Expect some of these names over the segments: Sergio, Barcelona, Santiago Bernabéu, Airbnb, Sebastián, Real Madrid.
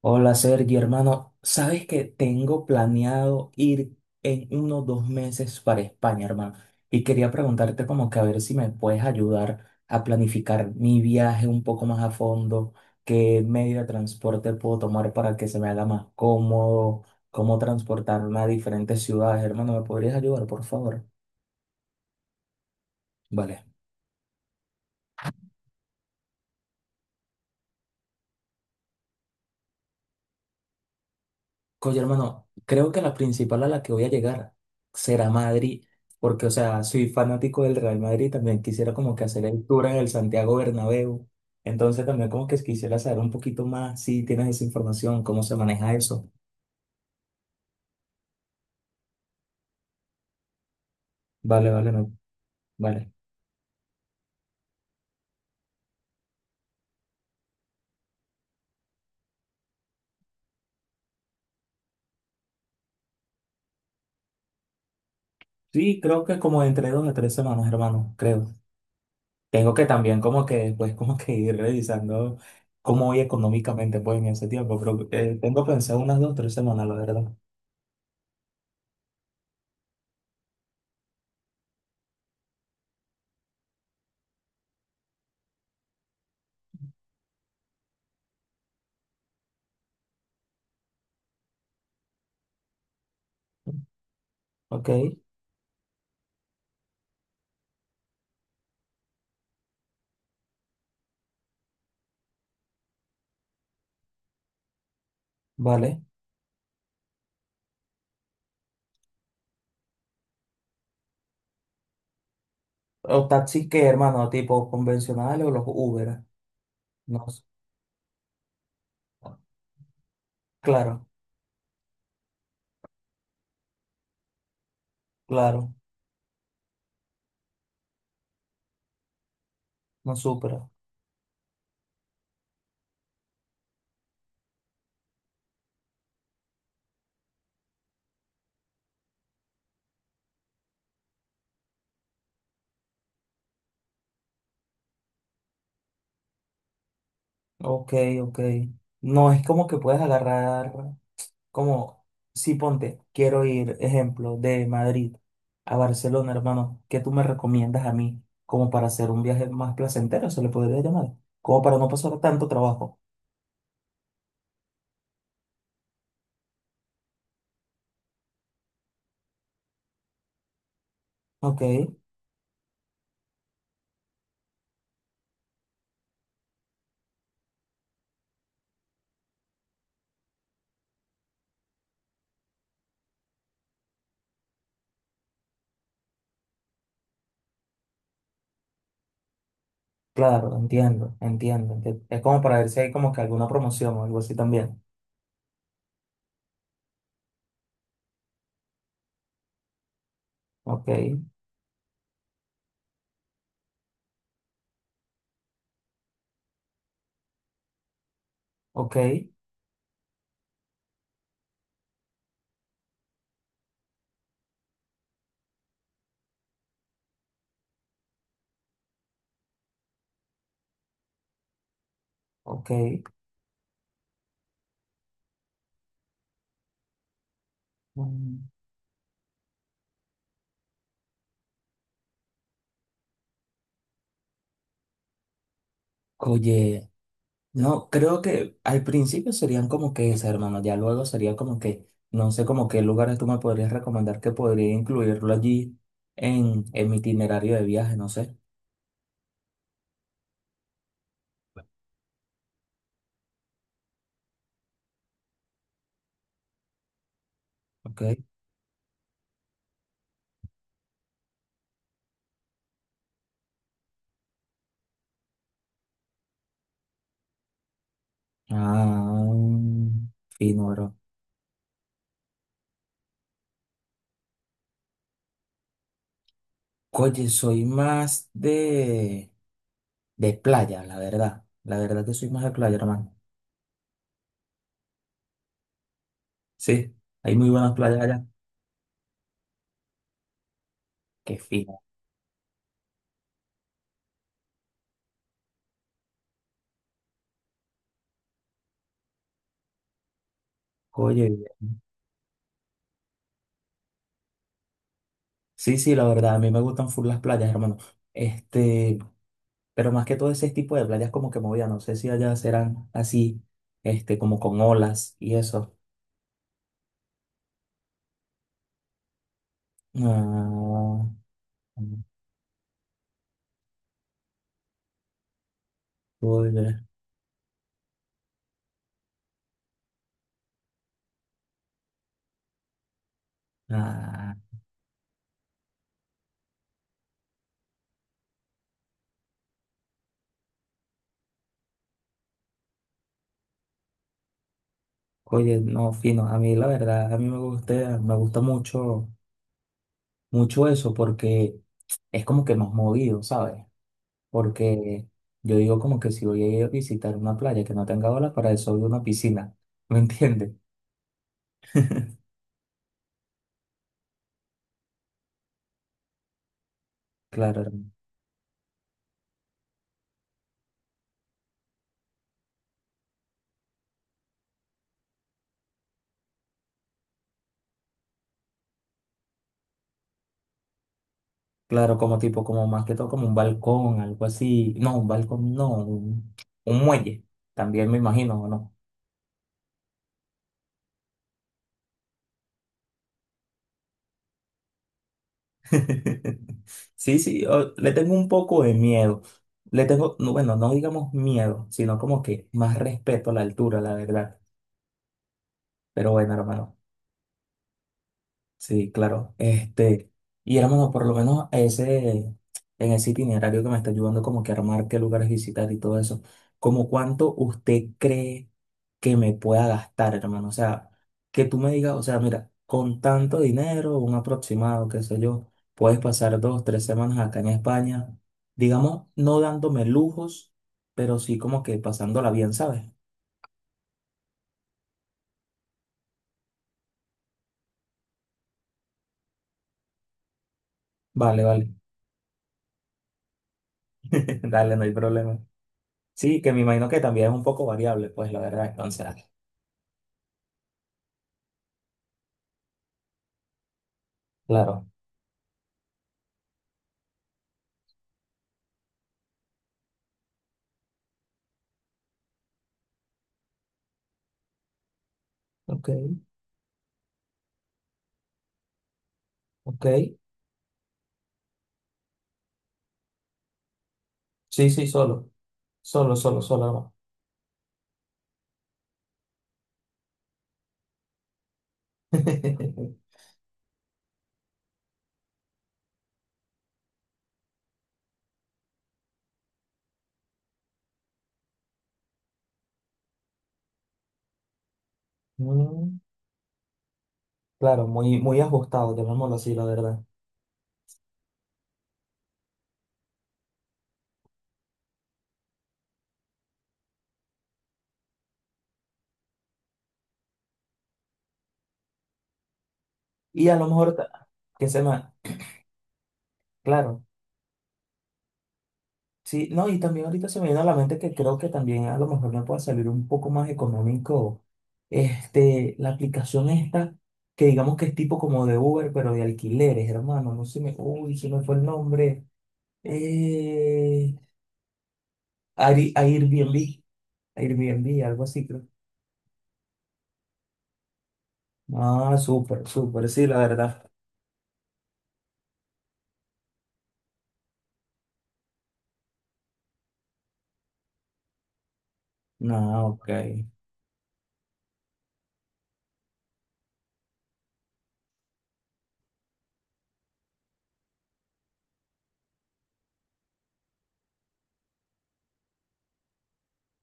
Hola Sergio, hermano. Sabes que tengo planeado ir en unos 2 meses para España, hermano. Y quería preguntarte como que a ver si me puedes ayudar a planificar mi viaje un poco más a fondo, qué medio de transporte puedo tomar para que se me haga más cómodo, cómo transportarme a diferentes ciudades, hermano. ¿Me podrías ayudar, por favor? Vale. Oye, hermano, creo que la principal a la que voy a llegar será Madrid, porque, o sea, soy fanático del Real Madrid, también quisiera como que hacer el tour en el Santiago Bernabéu, entonces también como que quisiera saber un poquito más si tienes esa información, cómo se maneja eso. Vale, vale, vale. Sí, creo que como entre 2 a 3 semanas, hermano, creo. Tengo que también como que después como que ir revisando cómo voy económicamente pues en ese tiempo, pero tengo pensado unas 2 o 3 semanas, la verdad. Ok, vale. O taxis que, hermano, tipo convencionales o los Uber. No sé. Claro, claro, no supera. Ok, ok. No es como que puedes agarrar, como, si ponte, quiero ir, ejemplo, de Madrid a Barcelona, hermano. ¿Qué tú me recomiendas a mí como para hacer un viaje más placentero, se le podría llamar? Como para no pasar tanto trabajo. Ok, claro, entiendo, entiendo. Es como para ver si hay como que alguna promoción o algo así también. Ok, ok, ok. Mm. Oye, no, creo que al principio serían como que esas, hermano. Ya luego sería como que, no sé, como qué lugares tú me podrías recomendar que podría incluirlo allí en mi itinerario de viaje, no sé. Ok. Ah, fino, bro. Oye, soy más de playa, la verdad. La verdad que soy más de playa, hermano. Sí, hay muy buenas playas allá. Qué fino. Oye, bien. Sí, sí, la verdad, a mí me gustan full las playas, hermano. Este. Pero más que todo ese tipo de playas como que movidas no sé si allá serán así, como con olas y eso. No, oye, ah, oye, no, fino. A mí la verdad, a mí me gusta mucho, mucho eso porque es como que más movido, ¿sabes? Porque yo digo como que si voy a ir a visitar una playa que no tenga olas, para eso voy a una piscina, ¿me entiendes? Claro. Claro, como tipo, como más que todo como un balcón, algo así. No, un balcón, no, un muelle, también me imagino, ¿o no? Sí, sí, le tengo un poco de miedo. Le tengo, no, bueno, no digamos miedo, sino como que más respeto a la altura, la verdad. Pero bueno, hermano. Sí, claro. Y hermano, por lo menos ese, en ese itinerario que me está ayudando como que a armar qué lugares visitar y todo eso, ¿como cuánto usted cree que me pueda gastar, hermano? O sea, que tú me digas, o sea, mira, con tanto dinero, un aproximado, qué sé yo, puedes pasar 2 o 3 semanas acá en España, digamos, no dándome lujos, pero sí como que pasándola bien, ¿sabes? Vale, vale. Dale, no hay problema. Sí, que me imagino que también es un poco variable, pues la verdad, entonces. Claro, ok, ok. Sí, sí, solo, solo, solo, solo. No. Mm, claro, muy, muy ajustado, llamémoslo así, la verdad. Y a lo mejor que se me, claro, sí, no, y también ahorita se me viene a la mente que creo que también a lo mejor me puede salir un poco más económico, este, la aplicación esta, que digamos que es tipo como de Uber, pero de alquileres, hermano, no se me, uy, se me fue el nombre, eh, Airbnb, Airbnb, algo así. Ah, súper, súper, sí, la verdad. No, ok.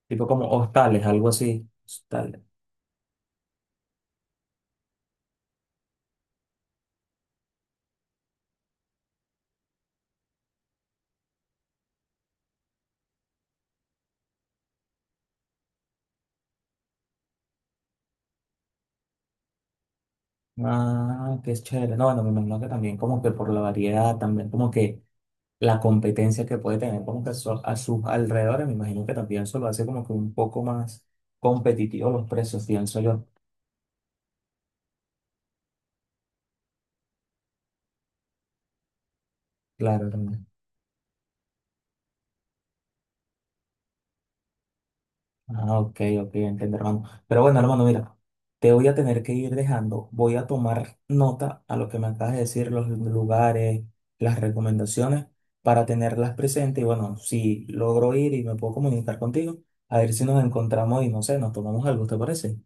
Tipo como hostales, algo así. Hostales. Ah, qué chévere. No, bueno, me imagino que también como que por la variedad, también como que la competencia que puede tener como que a sus alrededores, me imagino que también eso lo hace como que un poco más competitivo los precios, pienso yo. Claro. Ah, ok, ok, entiendo, hermano. Pero bueno, hermano, mira, te voy a tener que ir dejando. Voy a tomar nota a lo que me acabas de decir, los lugares, las recomendaciones, para tenerlas presentes. Y bueno, si logro ir y me puedo comunicar contigo, a ver si nos encontramos y no sé, nos tomamos algo, ¿te parece?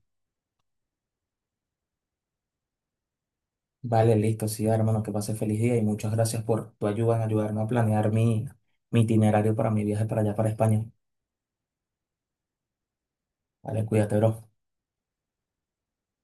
Vale, listo, sí, hermano, que pase feliz día y muchas gracias por tu ayuda en ayudarme a planear mi, mi itinerario para mi viaje para allá, para España. Vale, cuídate, bro.